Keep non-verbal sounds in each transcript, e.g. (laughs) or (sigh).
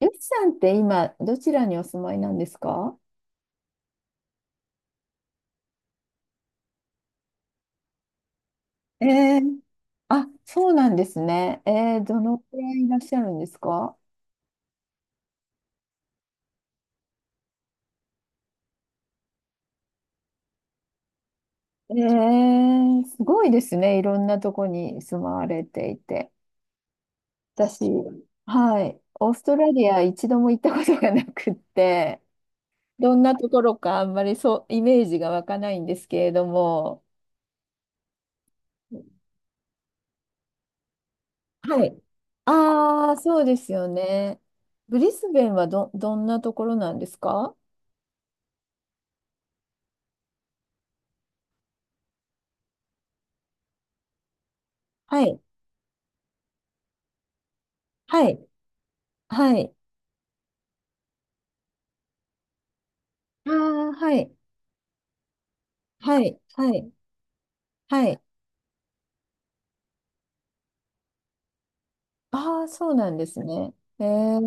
ゆきさんって今、どちらにお住まいなんですか？えー、あ、そうなんですね。どのくらいいらっしゃるんですか？すごいですね。いろんなとこに住まわれていて。私、はい、オーストラリア一度も行ったことがなくって、どんなところかあんまりそう、イメージが湧かないんですけれども。はい。ああ、そうですよね。ブリスベンはどんなところなんですか？はい。はい。はい。ああ、はい。はい。はい。はい。ああ、そうなんですね。ええ。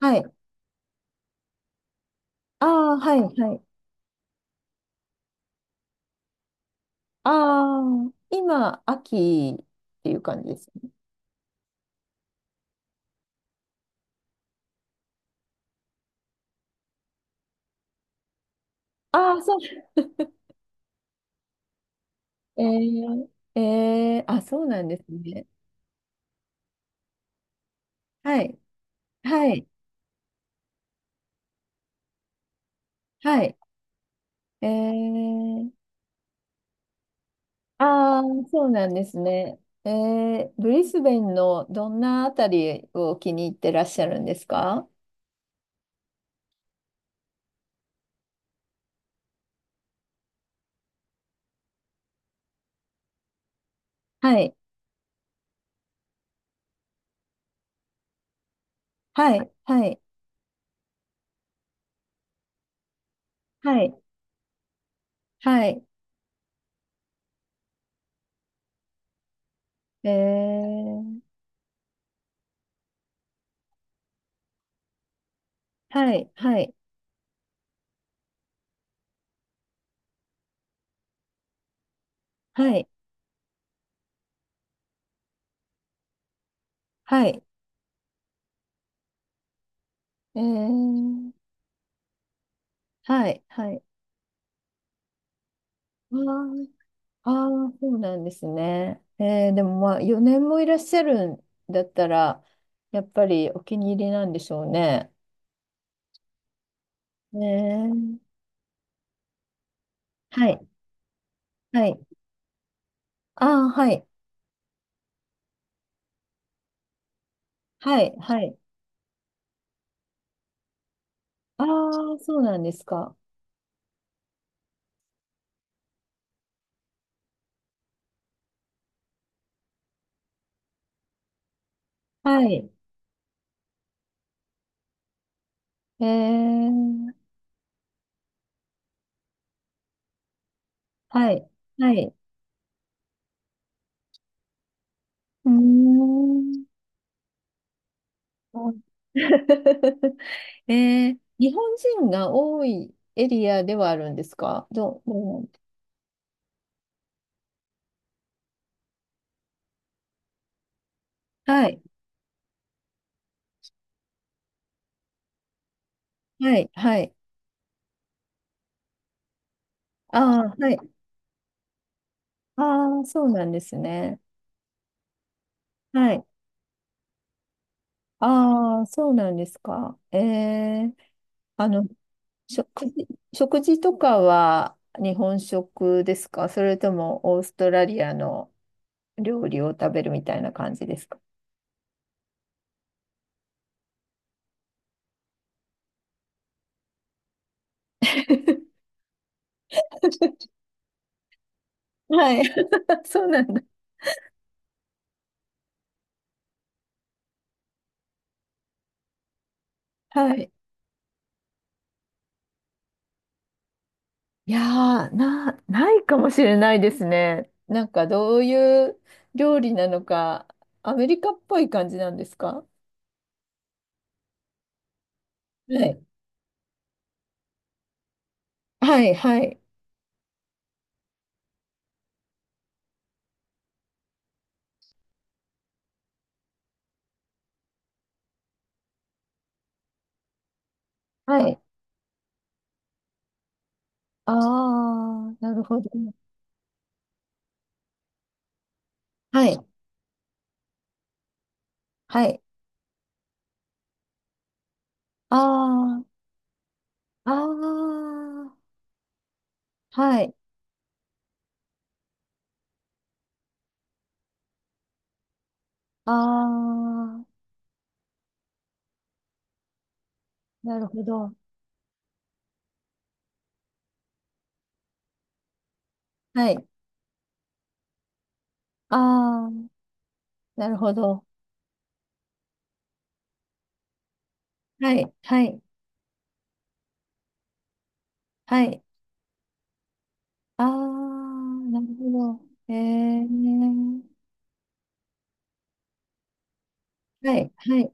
はい。ああ、はい。はい。ああ、今、秋っていう感じです。ああ、そう。ええ。ええ。あ、そうなんですね。はい。はい。はい。ええ。ああ、そうなんですね。ええ、ブリスベンのどんなあたりを気に入ってらっしゃるんですか？はい。はい。はい。はい。はい。えー、はい、はい、はい、はい、えー、はい、はい。あーあー、そうなんですね。でもまあ、4年もいらっしゃるんだったら、やっぱりお気に入りなんでしょうね。えー、はい、はい。ああ、はい、はい、はい。ああ、そうなんですか。はい。えー、はい、はい。うーん。(laughs) 日本人が多いエリアではあるんですか？どう、どう。はい、はい、はい。ああ、はい。ああ、そうなんですね。はい。ああ、そうなんですか。ええ。あの、食事、食事とかは日本食ですか？それともオーストラリアの料理を食べるみたいな感じですか？ (laughs) はい、(laughs) そうなんだ。はい。いやー、ないかもしれないですね。なんかどういう料理なのか、アメリカっぽい感じなんですか？はい。はい、はい、はい。ああ、なるほど。はい、はい。ああ、ああ、はい。ああ、なるほど。はい。ああ、なるほど。はい、はい、はい。ああ、なるほど。ええ、はい、はい、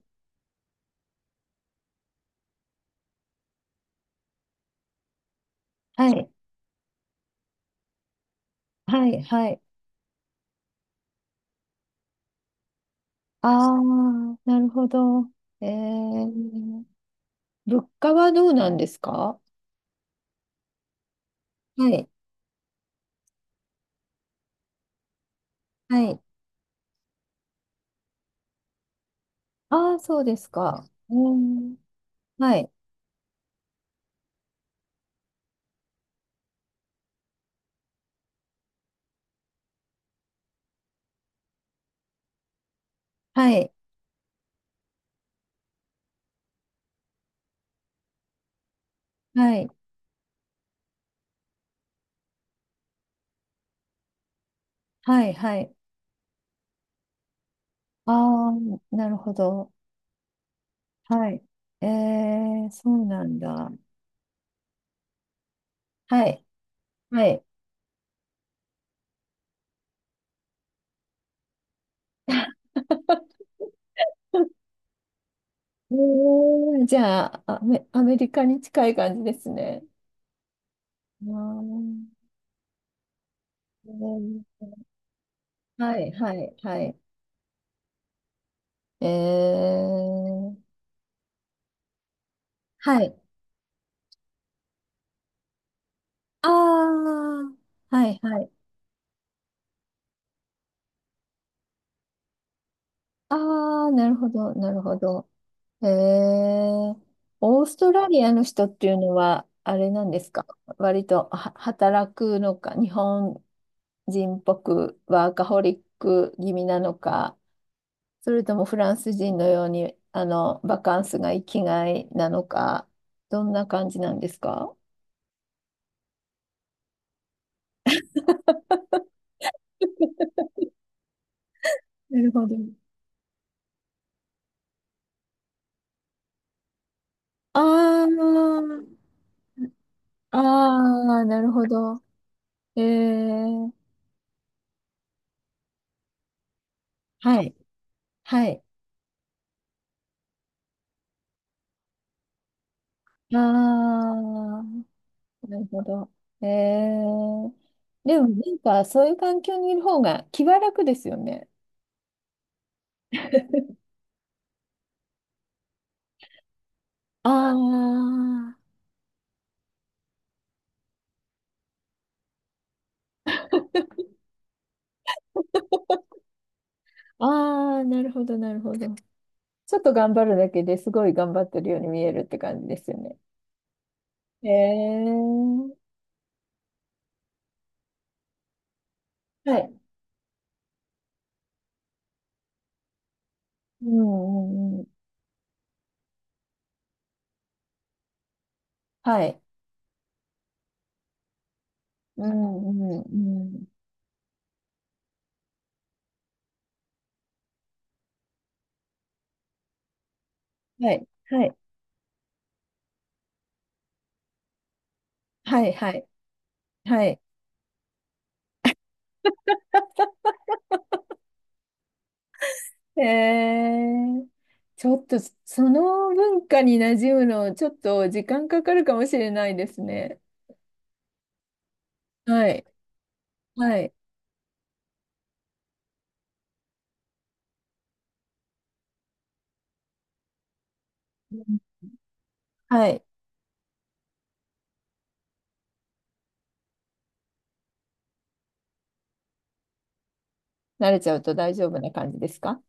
はい、はい、はい。ああ、なるほど。えー、物価はどうなんですか？はい、はい、ああー、そうですか。うん。はい、はい、はい、はい、はい。ああ、なるほど。はい。そうなんだ。はい、はい。(laughs) じゃあ、アメリカに近い感じですね。あー、えー、はい、はい、はい。えー、はい。ああ、はいはい。ああ、なるほど、なるほど。へえ、オーストラリアの人っていうのは、あれなんですか？割とは働くのか、日本人っぽくワーカホリック気味なのか、それともフランス人のように、バカンスが生きがいなのか、どんな感じなんですか？なるほど。ああ、ああ、なるほど。ええ、はい。はい。ああ、なるほど。えー、でもなんかそういう環境にいる方が気は楽ですよね。ああ、ああ、なるほど、なるほど。ちょっと頑張るだけですごい頑張ってるように見えるって感じですよね。えー、はい。うんうんうん。はい。うんうんうん。はい。はい。はい。はい。はい。えー、ちょっとその文化に馴染むの、ちょっと時間かかるかもしれないですね。はい。はい。うん、はい。慣れちゃうと大丈夫な感じですか？